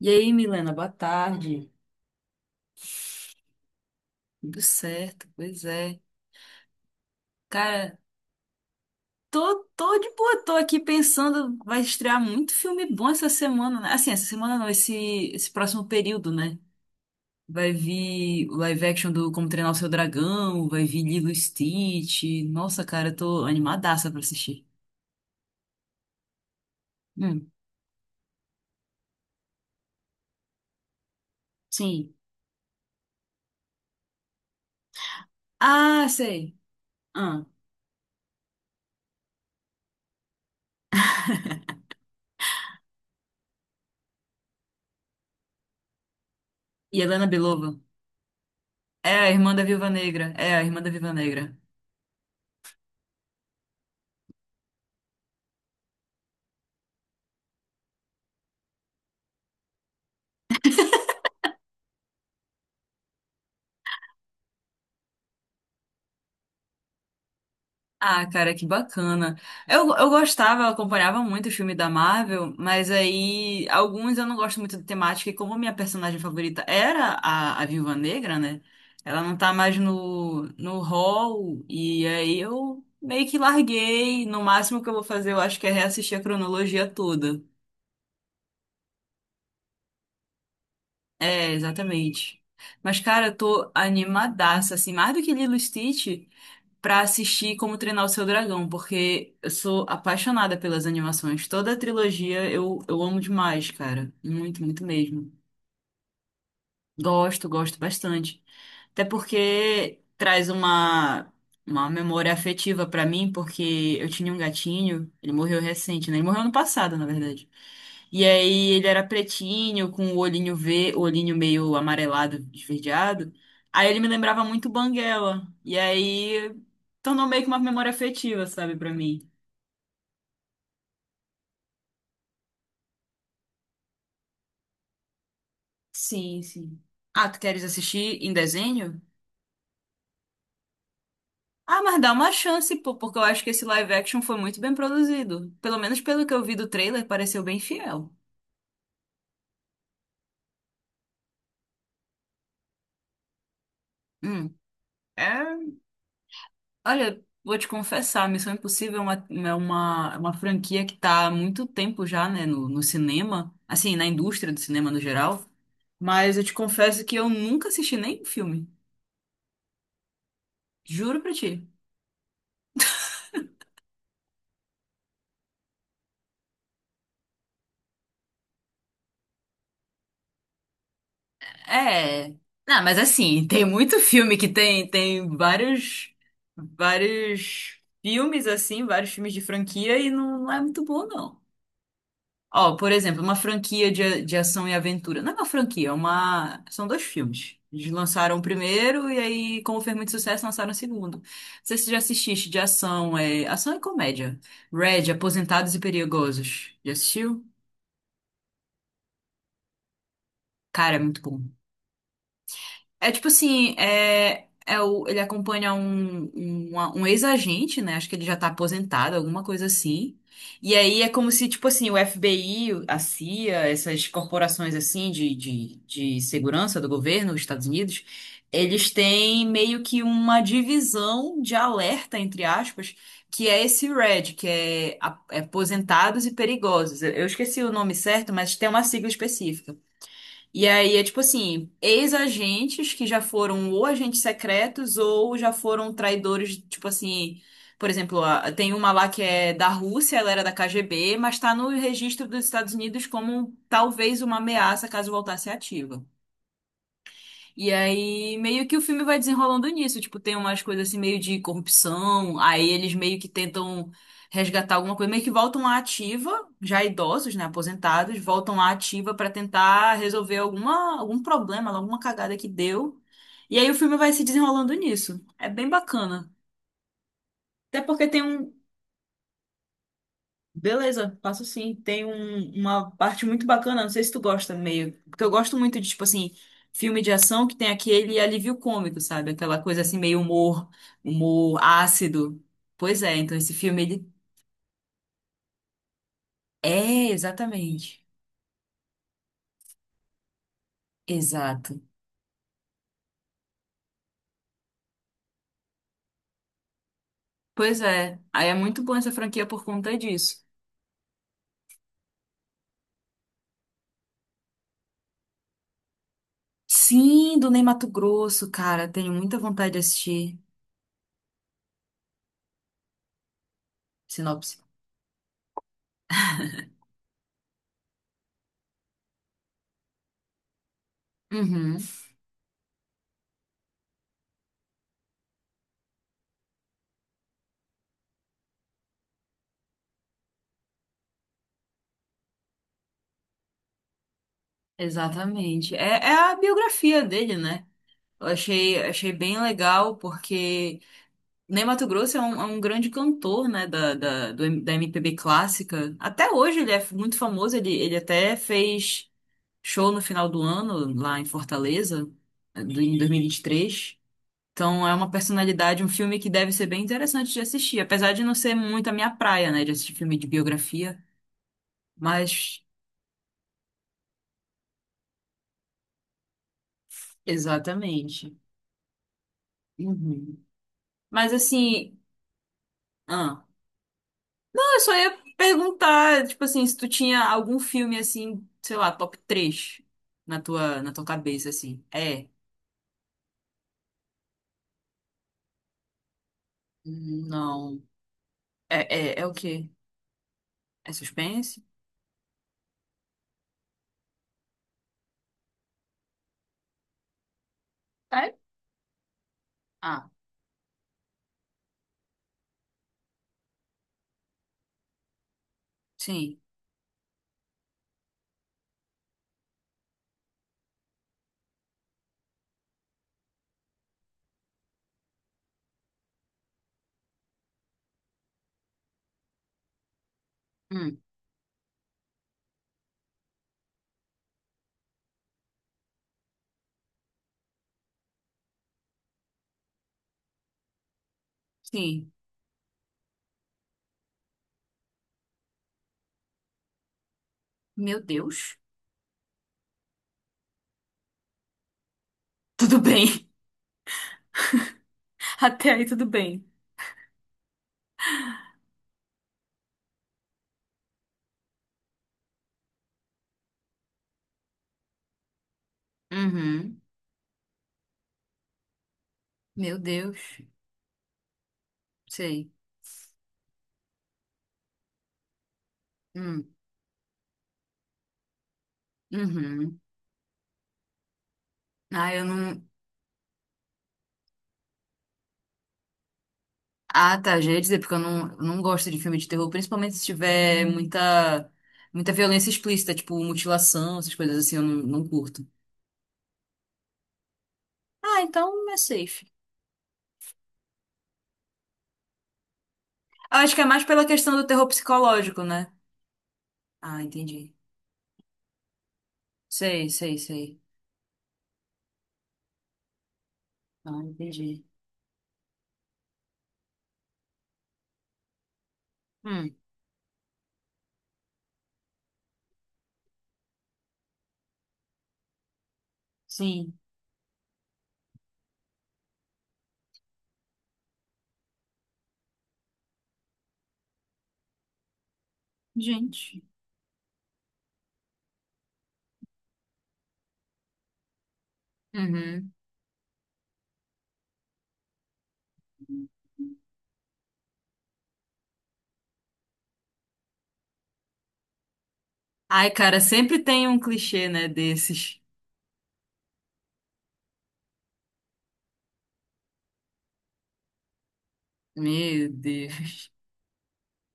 E aí, Milena, boa tarde. Tudo certo, pois é. Cara, tô de boa, tô aqui pensando, vai estrear muito filme bom essa semana, né? Assim, essa semana não, esse próximo período, né? Vai vir o live action do Como Treinar o Seu Dragão, vai vir Lilo e Stitch. Nossa, cara, eu tô animadaça pra assistir. Hum, sim. Ah, sei. Ah, e Helena Belova. É a irmã da Viúva Negra. É a irmã da Viúva Negra. Ah, cara, que bacana. Eu gostava, eu acompanhava muito o filme da Marvel, mas aí alguns eu não gosto muito da temática, e como a minha personagem favorita era a Viúva Negra, né? Ela não tá mais no, no hall, e aí eu meio que larguei. No máximo que eu vou fazer, eu acho que é reassistir a cronologia toda. É, exatamente. Mas, cara, eu tô animadaça, assim, mais do que Lilo e Stitch, pra assistir Como Treinar o Seu Dragão, porque eu sou apaixonada pelas animações. Toda a trilogia eu amo demais, cara. Muito, muito mesmo. Gosto, gosto bastante. Até porque traz uma memória afetiva pra mim, porque eu tinha um gatinho, ele morreu recente, né? Ele morreu ano passado, na verdade. E aí ele era pretinho, com o olhinho ve, o olhinho meio amarelado, esverdeado. Aí ele me lembrava muito Banguela. E aí tornou meio que uma memória afetiva, sabe, pra mim. Sim, sim. Ah, tu queres assistir em desenho? Ah, mas dá uma chance, pô, porque eu acho que esse live action foi muito bem produzido. Pelo menos pelo que eu vi do trailer, pareceu bem fiel. Hum. É. Olha, vou te confessar, Missão Impossível é uma, é uma franquia que tá há muito tempo já, né, no, no cinema, assim, na indústria do cinema no geral. Mas eu te confesso que eu nunca assisti nenhum filme. Juro pra ti. É. Não, mas assim, tem muito filme que tem, tem vários, vários filmes, assim, vários filmes de franquia e não, não é muito bom, não. Ó, por exemplo, uma franquia de, a- de ação e aventura. Não é uma franquia, é uma... São dois filmes. Eles lançaram o primeiro e aí, como fez muito sucesso, lançaram o segundo. Não sei se você já assististe de ação, é... Ação e comédia. Red, Aposentados e Perigosos. Já assistiu? Cara, é muito bom. É tipo assim, é, é o, ele acompanha um ex-agente, né? Acho que ele já tá aposentado, alguma coisa assim. E aí é como se, tipo assim, o FBI, a CIA, essas corporações assim de segurança do governo dos Estados Unidos, eles têm meio que uma divisão de alerta, entre aspas, que é esse RED, que é a- é aposentados e perigosos. Eu esqueci o nome certo, mas tem uma sigla específica. E aí é tipo assim, ex-agentes que já foram ou agentes secretos ou já foram traidores, tipo assim, por exemplo, a- tem uma lá que é da Rússia, ela era da KGB, mas tá no registro dos Estados Unidos como talvez uma ameaça caso voltasse ativa. E aí, meio que o filme vai desenrolando nisso. Tipo, tem umas coisas assim, meio de corrupção. Aí eles meio que tentam resgatar alguma coisa. Meio que voltam à ativa, já idosos, né? Aposentados, voltam à ativa pra tentar resolver alguma, algum problema, alguma cagada que deu. E aí o filme vai se desenrolando nisso. É bem bacana. Até porque tem um, Beleza, passo sim. Tem um- uma parte muito bacana, não sei se tu gosta meio, porque eu gosto muito de, tipo assim, filme de ação que tem aquele alívio cômico, sabe? Aquela coisa assim, meio humor, humor ácido. Pois é, então esse filme, ele... É, exatamente. Exato. Pois é, aí é muito bom essa franquia por conta disso. Sim, do Ney Matogrosso, cara, tenho muita vontade de assistir. Sinopse. Uhum, exatamente. É, é a biografia dele, né? Eu achei, achei bem legal, porque Ney Matogrosso é um grande cantor, né, da, da, do M- da MPB clássica. Até hoje ele é f- muito famoso, ele até fez show no final do ano, lá em Fortaleza, eh, do- em 2023. Então é uma personalidade, um filme que deve ser bem interessante de assistir, apesar de não ser muito a minha praia, né, de assistir filme de biografia. Mas, exatamente. Uhum. Mas assim. Ah. Eu só ia perguntar, tipo assim, se tu tinha algum filme assim, sei lá, top 3 na tua cabeça, assim. É? Não. É, é o quê? É suspense? É? Ah, sim. Hum, sim. Meu Deus. Tudo bem. Até aí tudo bem. Uhum. Meu Deus. Sei. Hum. Uhum. Ah, eu não. Ah, tá. Já ia dizer, porque eu não, não gosto de filme de terror, principalmente se tiver muita, muita violência explícita, tipo mutilação, essas coisas assim, eu não, não curto. Ah, então é safe. Eu acho que é mais pela questão do terror psicológico, né? Ah, entendi. Sei, sei, sei. Ah, entendi. Hum, sim. Gente. Uhum. Ai, cara, sempre tem um clichê, né, desses. Meu Deus.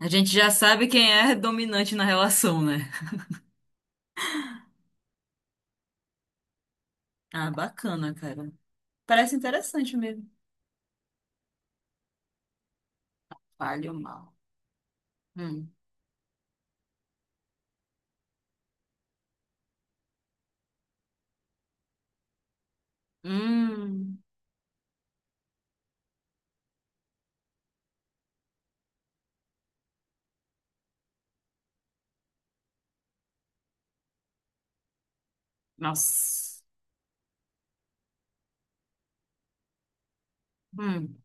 A gente já sabe quem é dominante na relação, né? Ah, bacana, cara. Parece interessante mesmo. Palho mal. Hum. Hum. Nossa. Hum.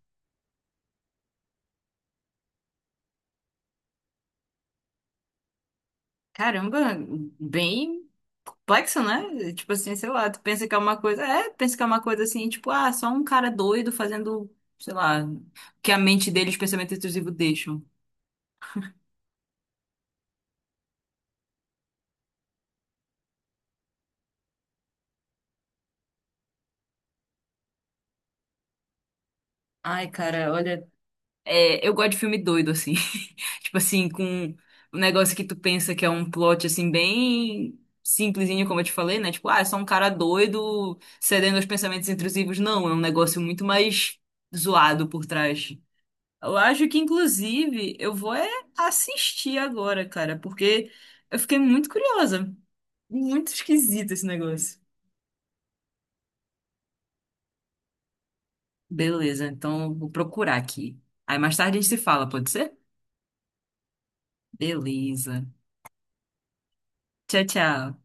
Caramba, bem complexo, né? Tipo assim, sei lá, tu pensa que é uma coisa. É, pensa que é uma coisa assim, tipo, ah, só um cara doido fazendo, sei lá, o que a mente dele, e os pensamentos intrusivos deixam. Ai, cara, olha. É, eu gosto de filme doido, assim. Tipo assim, com um negócio que tu pensa que é um plot, assim, bem simplesinho, como eu te falei, né? Tipo, ah, é só um cara doido cedendo aos pensamentos intrusivos. Não, é um negócio muito mais zoado por trás. Eu acho que, inclusive, eu vou é assistir agora, cara, porque eu fiquei muito curiosa. Muito esquisito esse negócio. Beleza, então eu vou procurar aqui. Aí mais tarde a gente se fala, pode ser? Beleza. Tchau, tchau.